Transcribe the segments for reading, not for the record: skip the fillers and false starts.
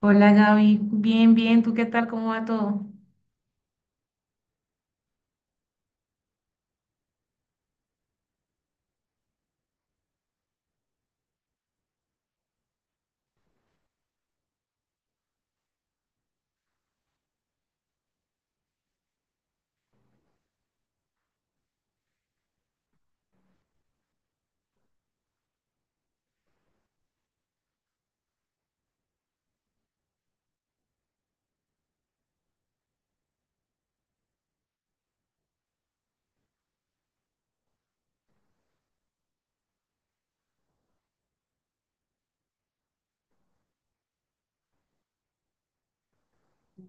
Hola Gaby, bien, bien, ¿tú qué tal? ¿Cómo va todo?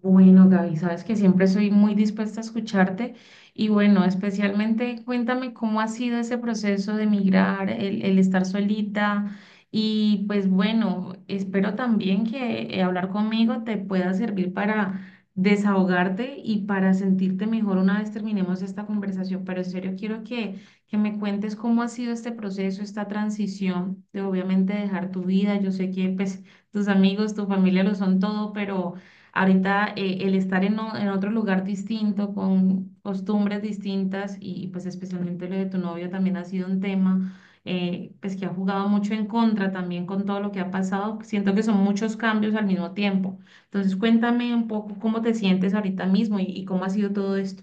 Bueno, Gaby, sabes que siempre soy muy dispuesta a escucharte y bueno, especialmente cuéntame cómo ha sido ese proceso de migrar, el estar solita y pues bueno, espero también que hablar conmigo te pueda servir para desahogarte y para sentirte mejor una vez terminemos esta conversación, pero en serio quiero que me cuentes cómo ha sido este proceso, esta transición de obviamente dejar tu vida, yo sé que pues tus amigos, tu familia lo son todo, pero... Ahorita el estar en, en otro lugar distinto, con costumbres distintas y pues especialmente lo de tu novio también ha sido un tema pues que ha jugado mucho en contra también con todo lo que ha pasado. Siento que son muchos cambios al mismo tiempo. Entonces cuéntame un poco cómo te sientes ahorita mismo y cómo ha sido todo esto.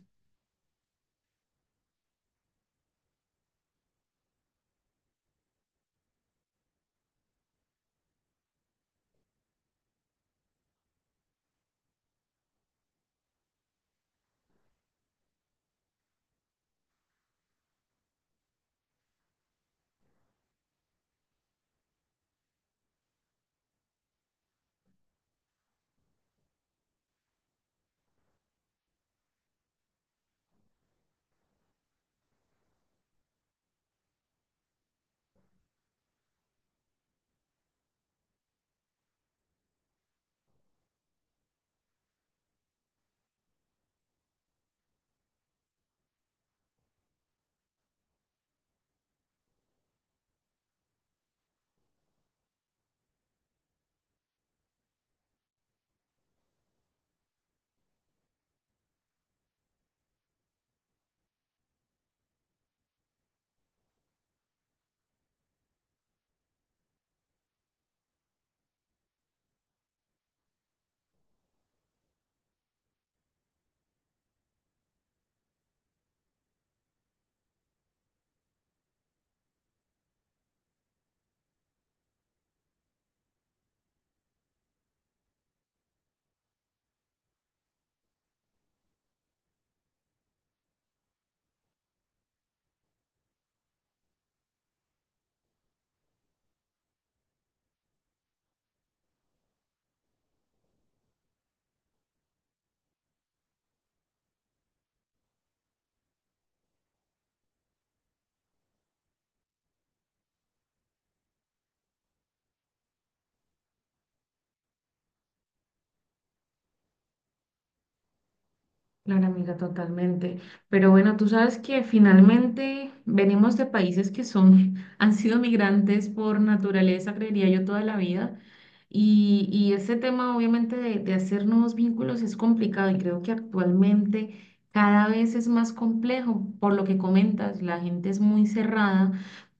Claro, amiga, totalmente. Pero bueno, tú sabes que finalmente venimos de países que son, han sido migrantes por naturaleza, creería yo, toda la vida. Y ese tema, obviamente, de hacer nuevos vínculos es complicado y creo que actualmente cada vez es más complejo, por lo que comentas, la gente es muy cerrada,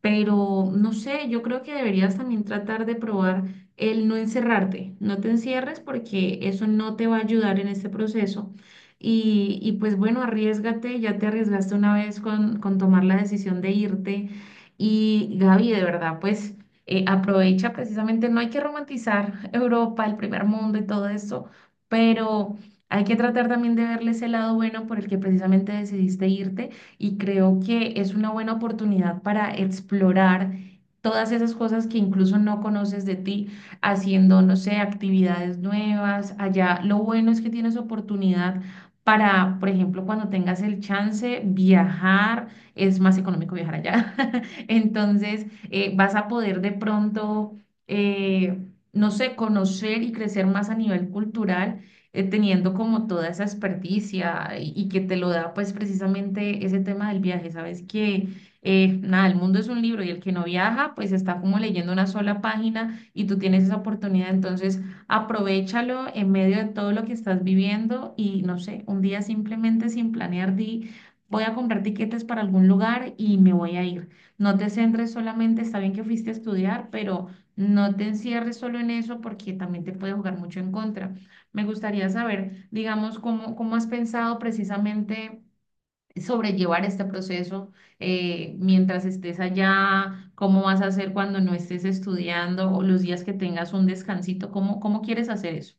pero no sé, yo creo que deberías también tratar de probar el no encerrarte, no te encierres porque eso no te va a ayudar en este proceso y pues bueno, arriesgate, ya te arriesgaste una vez con tomar la decisión de irte. Y Gaby, de verdad, pues aprovecha precisamente, no hay que romantizar Europa, el primer mundo y todo esto, pero hay que tratar también de verle ese lado bueno por el que precisamente decidiste irte. Y creo que es una buena oportunidad para explorar. Todas esas cosas que incluso no conoces de ti, haciendo, no sé, actividades nuevas allá. Lo bueno es que tienes oportunidad para, por ejemplo, cuando tengas el chance, viajar, es más económico viajar allá. Entonces, vas a poder de pronto, eh, no sé, conocer y crecer más a nivel cultural, teniendo como toda esa experticia y que te lo da pues precisamente ese tema del viaje. Sabes que, nada, el mundo es un libro y el que no viaja pues está como leyendo una sola página y tú tienes esa oportunidad. Entonces, aprovechalo en medio de todo lo que estás viviendo y no sé, un día simplemente sin planear, di, voy a comprar tiquetes para algún lugar y me voy a ir. No te centres solamente, está bien que fuiste a estudiar, pero no te encierres solo en eso porque también te puede jugar mucho en contra. Me gustaría saber, digamos, cómo has pensado precisamente sobrellevar este proceso ¿mientras estés allá? ¿Cómo vas a hacer cuando no estés estudiando o los días que tengas un descansito? ¿ cómo quieres hacer eso?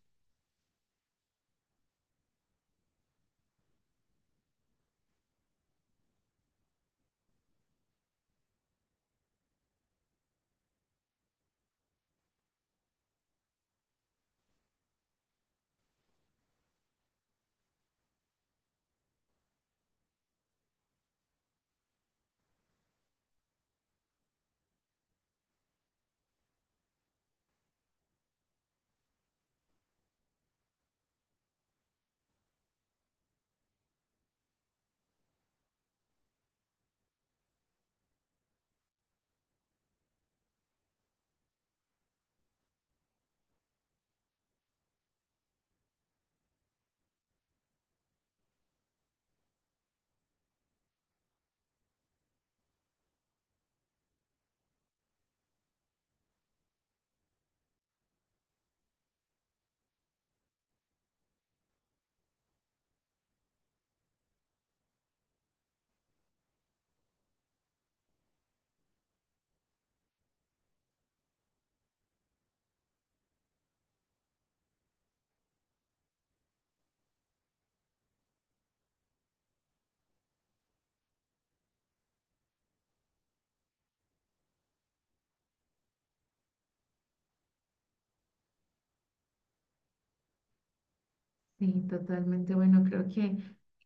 Sí, totalmente. Bueno, creo que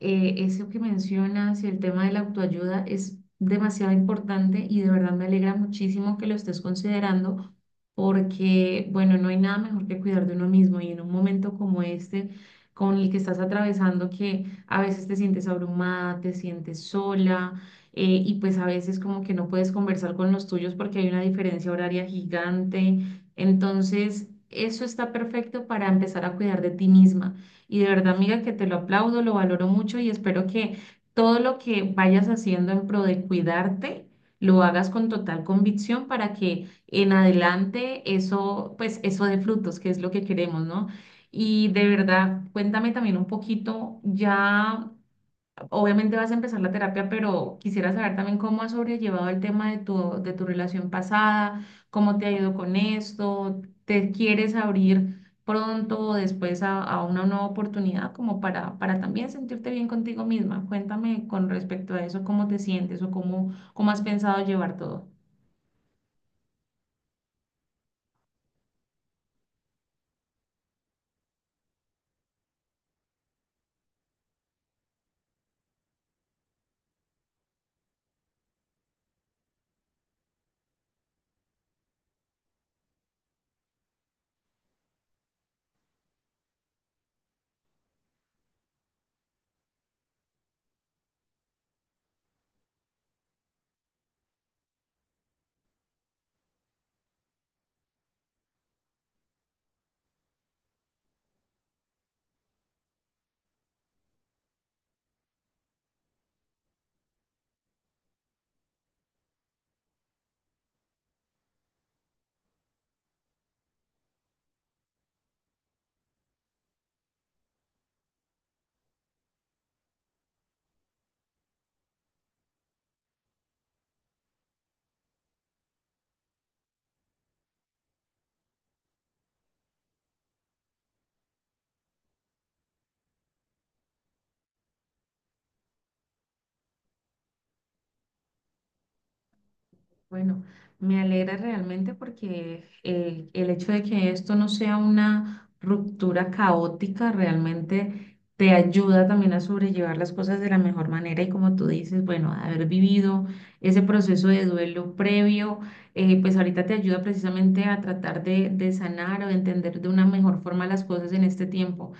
eso que mencionas y el tema de la autoayuda es demasiado importante y de verdad me alegra muchísimo que lo estés considerando porque, bueno, no hay nada mejor que cuidar de uno mismo y en un momento como este, con el que estás atravesando, que a veces te sientes abrumada, te sientes sola y pues a veces como que no puedes conversar con los tuyos porque hay una diferencia horaria gigante. Entonces, eso está perfecto para empezar a cuidar de ti misma y de verdad, amiga, que te lo aplaudo, lo valoro mucho y espero que todo lo que vayas haciendo en pro de cuidarte, lo hagas con total convicción para que en adelante eso, pues eso dé frutos, que es lo que queremos, ¿no? Y de verdad, cuéntame también un poquito ya obviamente vas a empezar la terapia, pero quisiera saber también cómo has sobrellevado el tema de tu relación pasada, cómo te ha ido con esto, te quieres abrir pronto o después a una nueva oportunidad como para también sentirte bien contigo misma. Cuéntame con respecto a eso, cómo te sientes o cómo has pensado llevar todo. Bueno, me alegra realmente porque el hecho de que esto no sea una ruptura caótica realmente te ayuda también a sobrellevar las cosas de la mejor manera y como tú dices, bueno, haber vivido ese proceso de duelo previo, pues ahorita te ayuda precisamente a tratar de sanar o de entender de una mejor forma las cosas en este tiempo.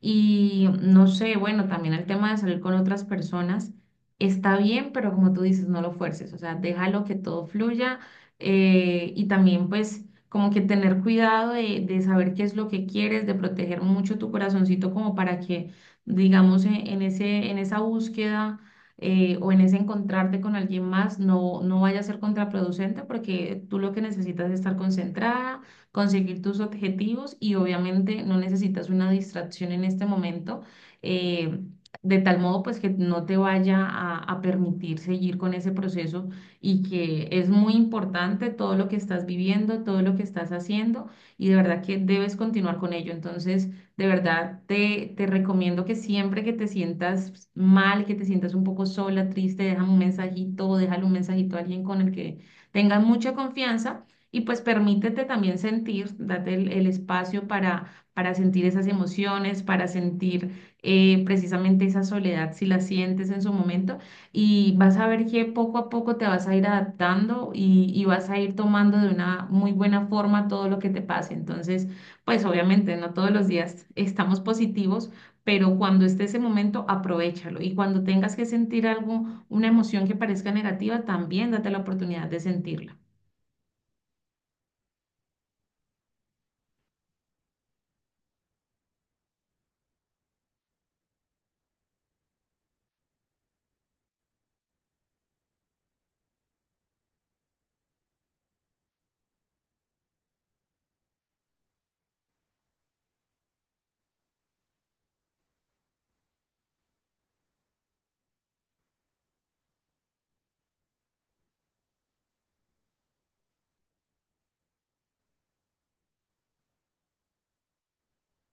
Y no sé, bueno, también el tema de salir con otras personas está bien, pero como tú dices, no lo fuerces, o sea, déjalo que todo fluya y también pues como que tener cuidado de saber qué es lo que quieres, de proteger mucho tu corazoncito como para que, digamos, en ese, en esa búsqueda o en ese encontrarte con alguien más no, no vaya a ser contraproducente porque tú lo que necesitas es estar concentrada conseguir tus objetivos y obviamente no necesitas una distracción en este momento, eh, de tal modo pues que no te vaya a permitir seguir con ese proceso y que es muy importante todo lo que estás viviendo, todo lo que estás haciendo y de verdad que debes continuar con ello. Entonces, de verdad te recomiendo que siempre que te sientas mal, que te sientas un poco sola, triste, déjame un mensajito, déjale un mensajito a alguien con el que tengas mucha confianza y pues permítete también sentir, date el espacio para sentir esas emociones, para sentir precisamente esa soledad si la sientes en su momento. Y vas a ver que poco a poco te vas a ir adaptando y vas a ir tomando de una muy buena forma todo lo que te pase. Entonces, pues obviamente no todos los días estamos positivos, pero cuando esté ese momento, aprovéchalo. Y cuando tengas que sentir algo, una emoción que parezca negativa, también date la oportunidad de sentirla.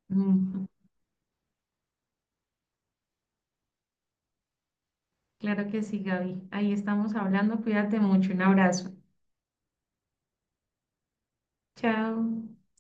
Mm. Claro que sí, Gaby. Ahí estamos hablando. Cuídate mucho. Un abrazo. Chao.